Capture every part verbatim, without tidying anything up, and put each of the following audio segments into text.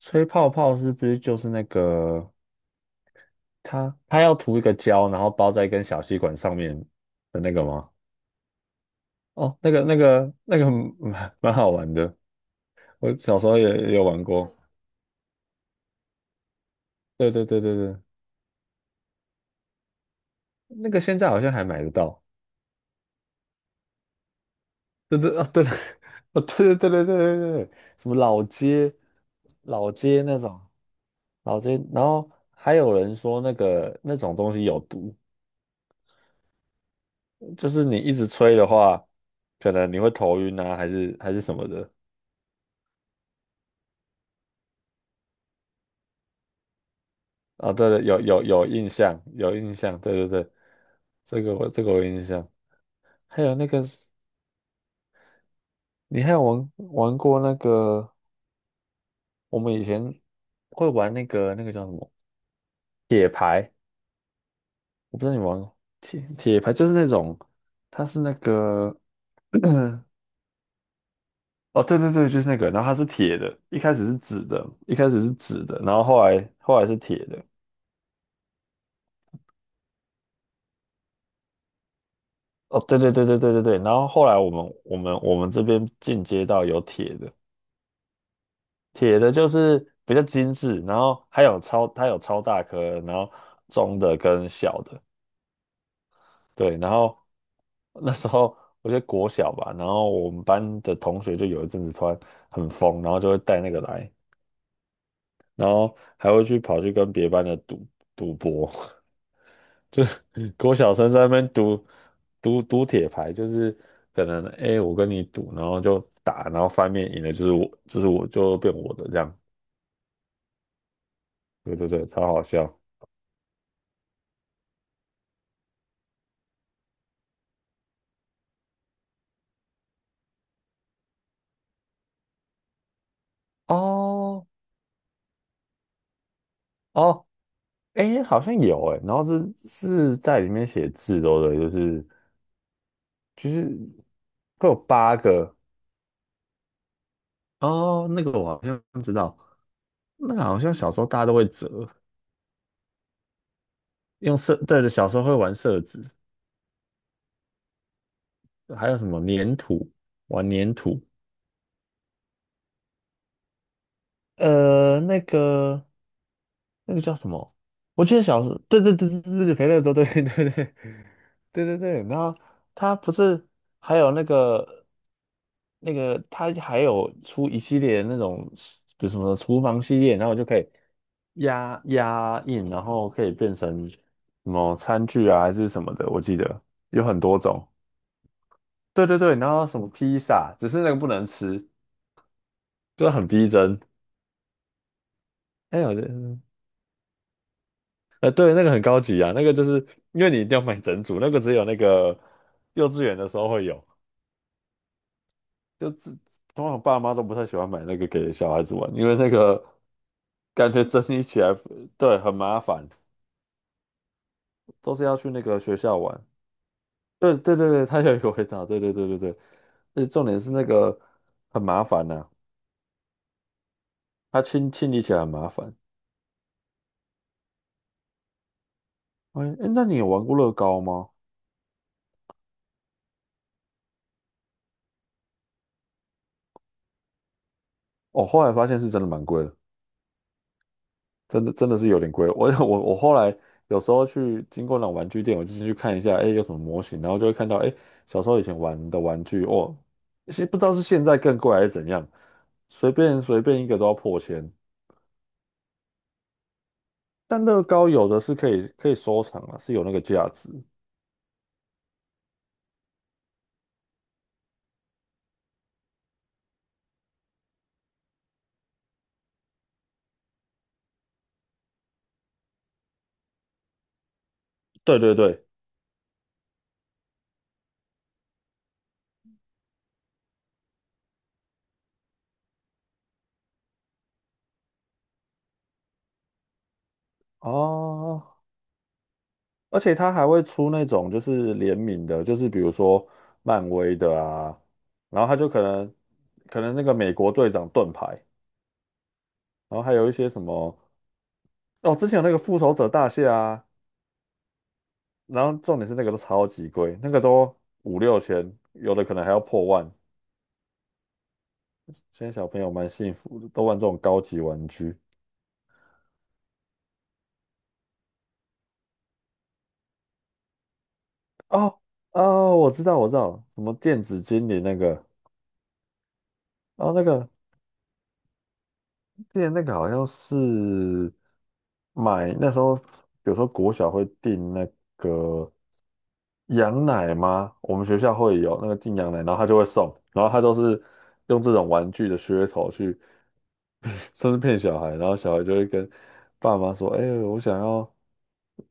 吹泡泡是不是就是那个它它要涂一个胶，然后包在一根小吸管上面的那个吗？哦，那个那个那个 蛮蛮好玩的，我小时候也也有玩过。对对对对对，那个现在好像还买得到。对对啊，对了，哦对对对对对对对，什么老街老街那种老街，然后还有人说那个那种东西有毒，就是你一直吹的话，可能你会头晕啊，还是还是什么的。啊，对了，有有有印象，有印象，对对对，这个我这个我有印象。还有那个，你还有玩玩过那个？我们以前会玩那个那个叫什么铁牌？我不知道你玩过铁铁牌，就是那种它是那个哦，对对对，就是那个，然后它是铁的，一开始是纸的，一开始是纸的，然后后来后来是铁的。哦，对对对对对对对，然后后来我们我们我们这边进阶到有铁的。铁的就是比较精致，然后还有超它有超大颗，然后中的跟小的，对，然后那时候我觉得国小吧，然后我们班的同学就有一阵子突然很疯，然后就会带那个来，然后还会去跑去跟别班的赌赌博，就国小生在那边赌赌赌铁牌，就是可能哎、诶我跟你赌，然后就打，然后翻面赢了就是我就是我就变我的这样，对对对，超好笑。哦哦，哎，好像有哎，然后是是在里面写字都的哦，就是就是会有八个哦，那个我好像知道，那个好像小时候大家都会折，用色，对对，小时候会玩色纸，还有什么粘土，玩粘土，呃，那个。那个叫什么？我记得小时候，对对对对对对，培乐多，对对对对 对对对。然后他不是还有那个那个，他还有出一系列那种，比如什么厨房系列，然后我就可以压压印，然后可以变成什么餐具啊，还是什么的，我记得有很多种。对对对，然后什么披萨，只是那个不能吃，就很逼真。哎，我觉得。呃，对，那个很高级啊，那个就是因为你一定要买整组，那个只有那个幼稚园的时候会有，就自通常爸妈都不太喜欢买那个给小孩子玩，因为那个感觉整理起来，对，很麻烦，都是要去那个学校玩。对对对对，他有一个回答，对对对对对，而且重点是那个很麻烦呐、它清清理起来很麻烦。哎，诶那你有玩过乐高吗？哦，后来发现是真的蛮贵的。真的真的是有点贵。我 我我后来有时候去经过那种玩具店，我就进去看一下，哎，有什么模型，然后就会看到，哎，小时候以前玩的玩具，哦，其实不知道是现在更贵还是怎样，随便随便一个都要破千。但乐高有的是可以可以收藏啊，是有那个价值。对对对，哦，而且它还会出那种就是联名的，就是比如说漫威的啊，然后它就可能可能那个美国队长盾牌。然后还有一些什么哦，之前有那个复仇者大蟹啊，然后重点是那个都超级贵，那个都五六千，有的可能还要破万。现在小朋友蛮幸福的，都玩这种高级玩具。哦哦，我知道，我知道，什么电子精灵那个，哦，那个之前那个好像是买那时候，比如说国小会订那个羊奶吗？我们学校会有那个订羊奶，然后他就会送，然后他都是用这种玩具的噱头去，甚至骗小孩，然后小孩就会跟爸妈说："哎、我想要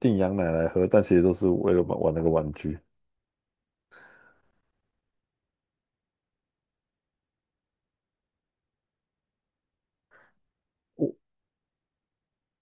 订羊奶来喝。"但其实都是为了玩玩那个玩具。我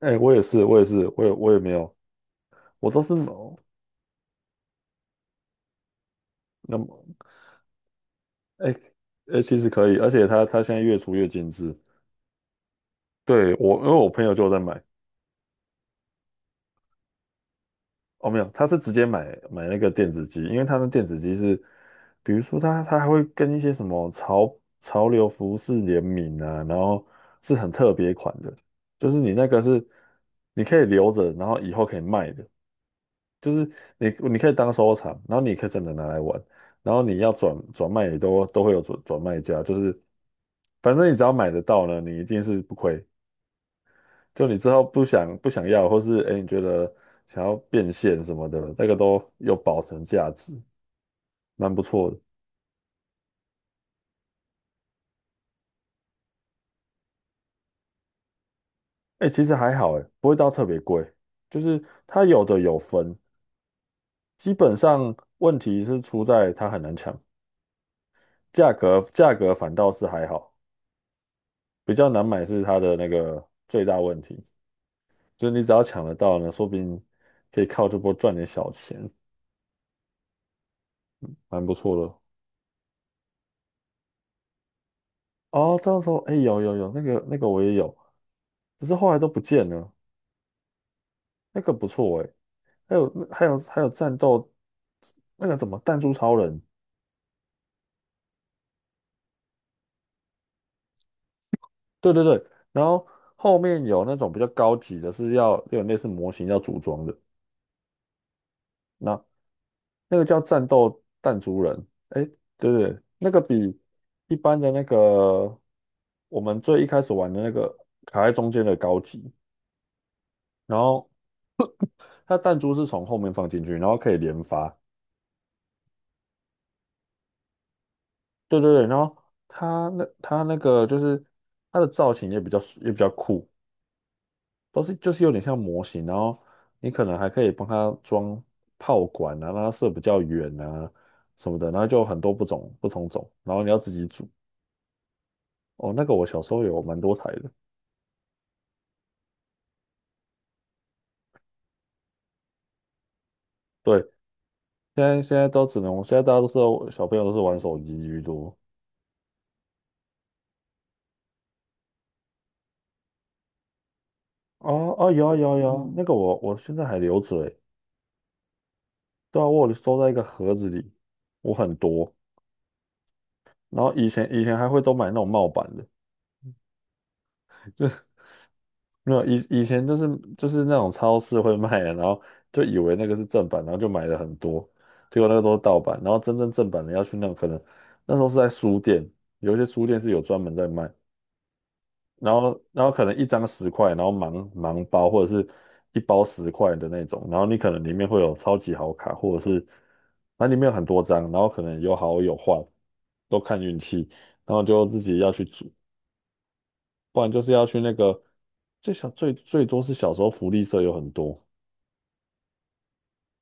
哎、我也是，我也是，我也我也没有，我都是那么。哎、呃，其实可以，而且它它现在越出越精致。对，我，因为我朋友就有在买，哦，没有，他是直接买买那个电子机，因为他的电子机是，比如说他他还会跟一些什么潮潮流服饰联名啊，然后是很特别款的，就是你那个是你可以留着，然后以后可以卖的，就是你你可以当收藏，然后你可以真的拿来玩，然后你要转转卖也都都会有转转卖家，就是反正你只要买得到呢，你一定是不亏。就你之后不想不想要，或是哎、诶你觉得想要变现什么的，那个都有保存价值，蛮不错的。哎、其实还好哎、不会到特别贵，就是它有的有分，基本上问题是出在它很难抢，价格价格反倒是还好，比较难买是它的那个最大问题，就是你只要抢得到呢，说不定可以靠这波赚点小钱，蛮不错的哦。哦，这样说，哎、有有有，那个那个我也有，只是后来都不见了。那个不错诶，还有还有还有战斗，那个怎么弹珠超人？对对对，然后后面有那种比较高级的，是要有类似模型要组装的，那那个叫战斗弹珠人，哎，对对，那个比一般的那个我们最一开始玩的那个卡在中间的高级，然后它弹珠是从后面放进去，然后可以连发，对对对，然后它那它那个就是它的造型也比较也比较酷。都是就是有点像模型，然后你可能还可以帮它装炮管啊，让它射比较远啊什么的，然后就有很多不种不同种，然后你要自己组。哦，那个我小时候有蛮多台的，对，现在现在都只能，现在大家都是小朋友都是玩手机居多。哦哦，有啊有啊有啊那个我我现在还留着诶，对啊，我有收在一个盒子里，我很多，然后以前以前还会都买那种帽版的。没有，以以前就是就是那种超市会卖的，然后就以为那个是正版，然后就买了很多，结果那个都是盗版。然后真正正版的要去那种可能那时候是在书店，有一些书店是有专门在卖，然后然后可能一张十块，然后盲盲包或者是一包十块的那种，然后你可能里面会有超级好卡，或者是它里面有很多张，然后可能有好有坏，都看运气，然后就自己要去不然就是要去那个，最小最最多是小时候福利社有很多，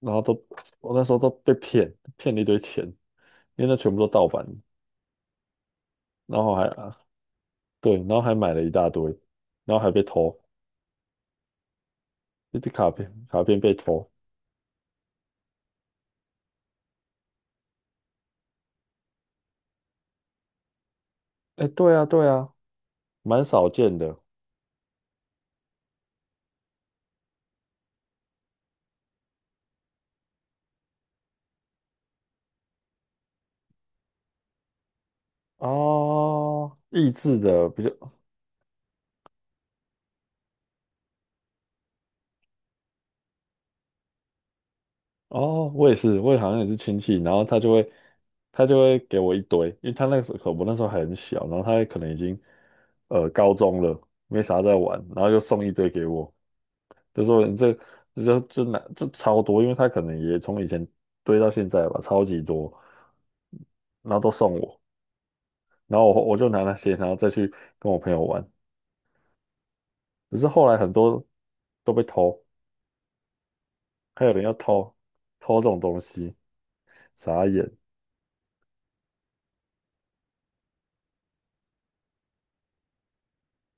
然后都我那时候都被骗，骗了一堆钱，因为那全部都盗版，然后还啊对，然后还买了一大堆，然后还被偷，一堆卡片卡片被偷，哎，对啊对啊，蛮少见的哦，益智的比较哦，我也是，我也好像也是亲戚，然后他就会他就会给我一堆，因为他那个时候我那时候还很小，然后他可能已经呃高中了，没啥在玩，然后就送一堆给我，就说你这这就就拿这超多，因为他可能也从以前堆到现在吧，超级多，然后都送我，然后我我就拿那些，然后再去跟我朋友玩，只是后来很多都被偷，还有人要偷偷这种东西，傻眼。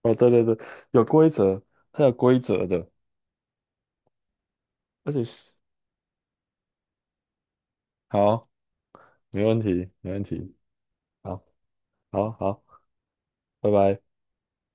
哦，对对对，有规则，它有规则的，而且是好，没问题，没问题，好，好，好，拜拜。